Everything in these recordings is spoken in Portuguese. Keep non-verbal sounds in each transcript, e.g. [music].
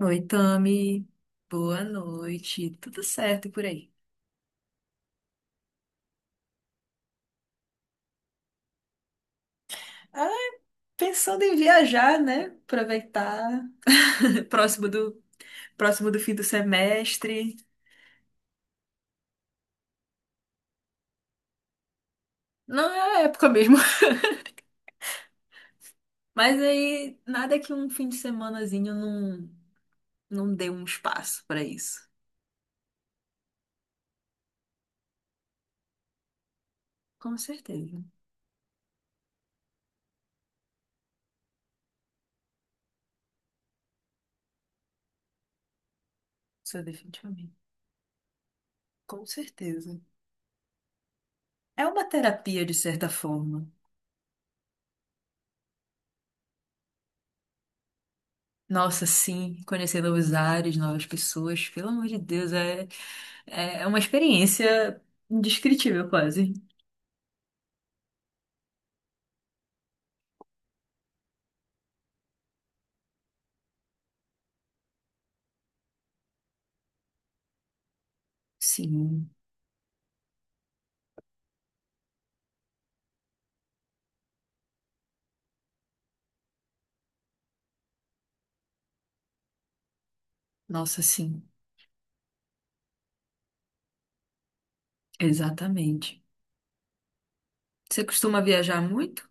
Oi, Tami. Boa noite. Tudo certo por aí? [laughs] Ah, pensando em viajar, né? Aproveitar. [laughs] Próximo do, próximo do fim do semestre. Não é a época mesmo. [laughs] Mas aí, nada que um fim de semanazinho não dê um espaço para isso. Com certeza. Isso é definitivamente. Com certeza. É uma terapia, de certa forma. Nossa, sim, conhecer novos ares, novas pessoas. Pelo amor de Deus, É uma experiência indescritível, quase. Sim, nossa, sim, exatamente. Você costuma viajar muito?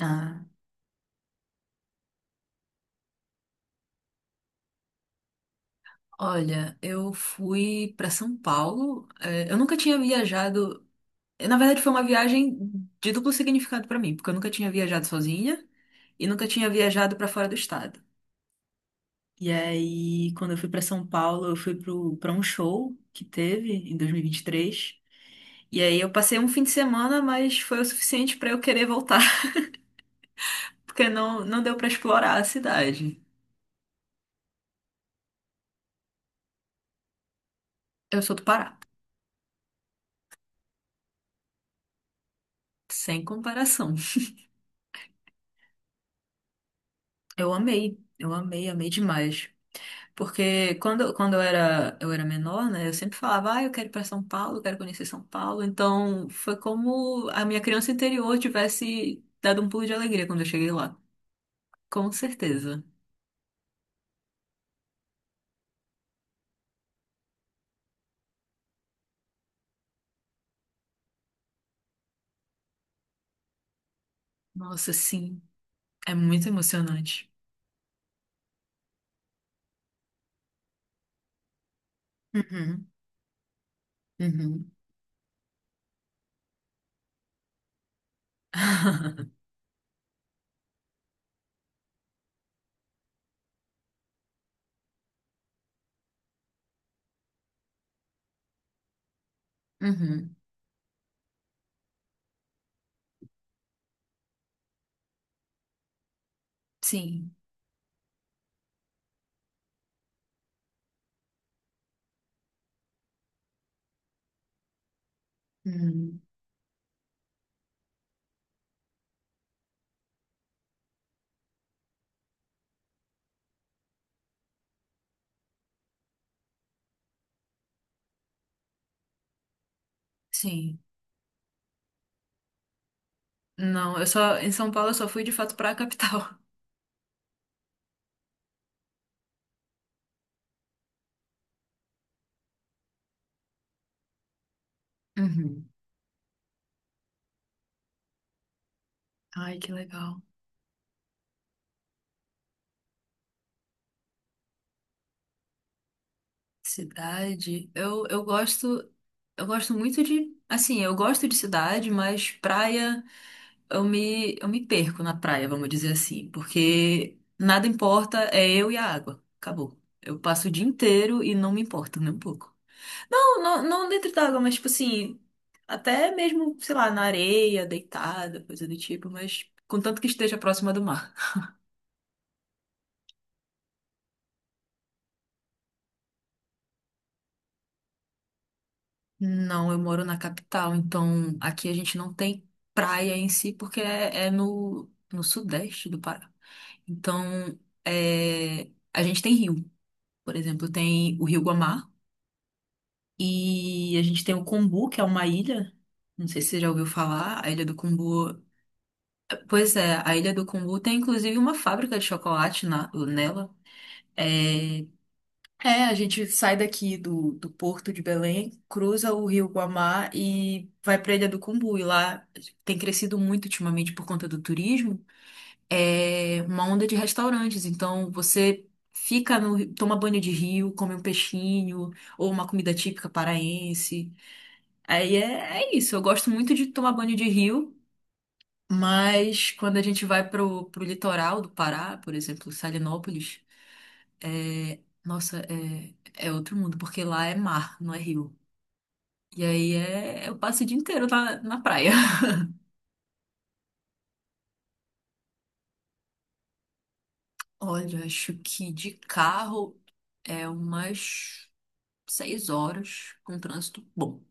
Ah, olha, eu fui para São Paulo. Eu nunca tinha viajado. Na verdade, foi uma viagem de duplo significado para mim, porque eu nunca tinha viajado sozinha e nunca tinha viajado para fora do estado. E aí, quando eu fui para São Paulo, eu fui para um show que teve em 2023. E aí eu passei um fim de semana, mas foi o suficiente para eu querer voltar, [laughs] porque não deu para explorar a cidade. Eu sou do Pará, sem comparação. Eu amei, amei demais. Porque quando eu era menor, né, eu sempre falava, ah, eu quero ir para São Paulo, eu quero conhecer São Paulo. Então foi como a minha criança interior tivesse dado um pulo de alegria quando eu cheguei lá. Com certeza. Nossa, sim, é muito emocionante. Uhum, uhum. [laughs] Uhum, sim. Uhum. Sim. Não, eu só em São Paulo eu só fui de fato pra capital. [laughs] Uhum. Ai, que legal. Cidade. Eu gosto muito de assim, eu gosto de cidade, mas praia eu me perco na praia, vamos dizer assim, porque nada importa, é eu e a água. Acabou. Eu passo o dia inteiro e não me importo nem um pouco. Não, não, não dentro d'água, mas tipo assim, até mesmo, sei lá, na areia, deitada, coisa do tipo, mas contanto que esteja próxima do mar. Não, eu moro na capital, então aqui a gente não tem praia em si, porque é no sudeste do Pará. Então, a gente tem rio, por exemplo, tem o Rio Guamá e a gente tem o Combu, que é uma ilha. Não sei se você já ouviu falar, a Ilha do Combu. Pois é, a Ilha do Cumbu tem inclusive uma fábrica de chocolate nela. É, é, a gente sai daqui do Porto de Belém, cruza o Rio Guamá e vai para a Ilha do Cumbu. E lá tem crescido muito ultimamente por conta do turismo, é uma onda de restaurantes. Então você fica no, ri- toma banho de rio, come um peixinho ou uma comida típica paraense. Aí é isso. Eu gosto muito de tomar banho de rio. Mas quando a gente vai pro litoral do Pará, por exemplo, Salinópolis, nossa, é outro mundo, porque lá é mar, não é rio. E aí eu passo o dia inteiro na praia. [laughs] Olha, acho que de carro é umas 6 horas com trânsito bom.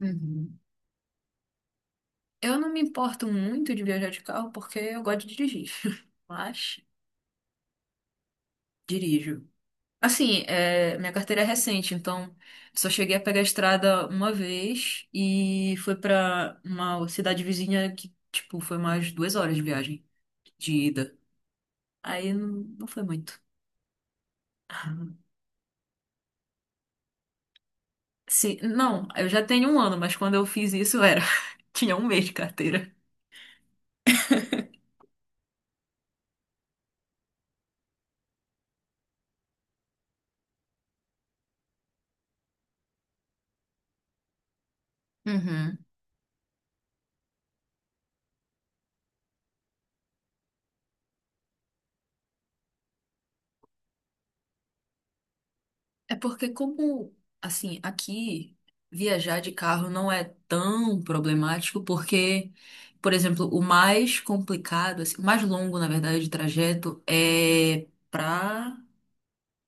Uhum. Eu não me importo muito de viajar de carro porque eu gosto de dirigir, [laughs] mas dirijo. Assim, minha carteira é recente, então só cheguei a pegar a estrada uma vez e foi pra uma cidade vizinha que, tipo, foi mais 2 horas de viagem, de ida. Aí não foi muito. Sim, não, eu já tenho um ano, mas quando eu fiz isso era, [laughs] tinha um mês de carteira. Uhum. É porque como, assim, aqui viajar de carro não é tão problemático, porque, por exemplo, o mais complicado, assim, o mais longo, na verdade, de trajeto é pra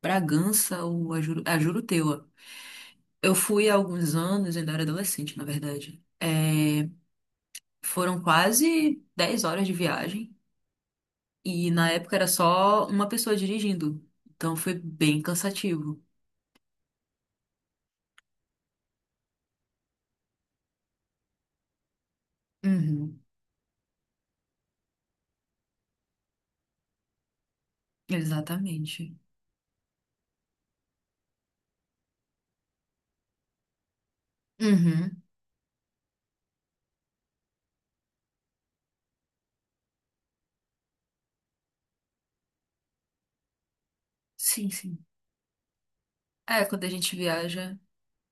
Bragança ou a a Juruteua. Eu fui há alguns anos, ainda era adolescente, na verdade. É, foram quase 10 horas de viagem e na época era só uma pessoa dirigindo. Então foi bem cansativo. Uhum, exatamente. Uhum. Sim, sim. É, quando a gente viaja,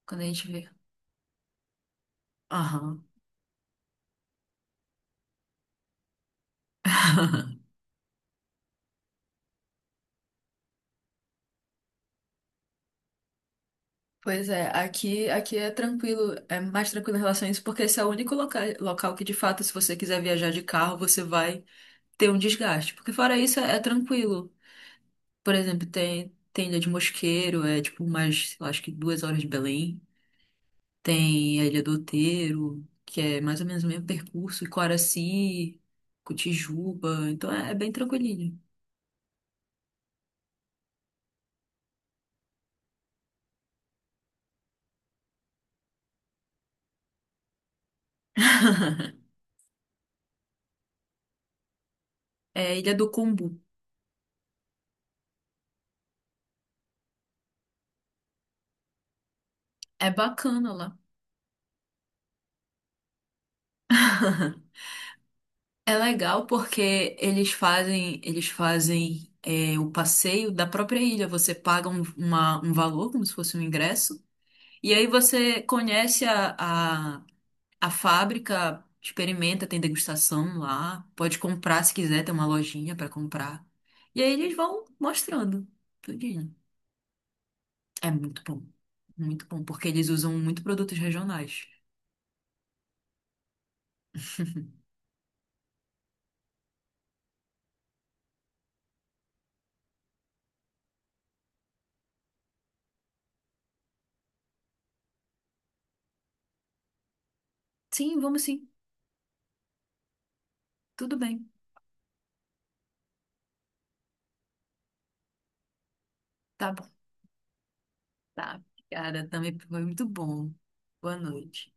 quando a gente vê. Aham. [laughs] Pois é, aqui é tranquilo, é mais tranquilo em relação a isso, porque esse é o único local que, de fato, se você quiser viajar de carro, você vai ter um desgaste. Porque fora isso, é tranquilo. Por exemplo, tem Ilha de Mosqueiro, é tipo mais, eu acho que 2 horas de Belém. Tem a Ilha do Outeiro, que é mais ou menos o mesmo percurso, e Coraci, Cotijuba, então é bem tranquilinho. [laughs] É a Ilha do Combu. É bacana lá. [laughs] É legal porque eles fazem o passeio da própria ilha. Você paga um valor, como se fosse um ingresso, e aí você conhece a, a fábrica, experimenta, tem degustação lá, pode comprar se quiser, tem uma lojinha para comprar. E aí eles vão mostrando tudinho. É muito bom, porque eles usam muito produtos regionais. Sim, vamos sim, tudo bem. Tá. Tá, cara, também foi muito bom. Boa noite.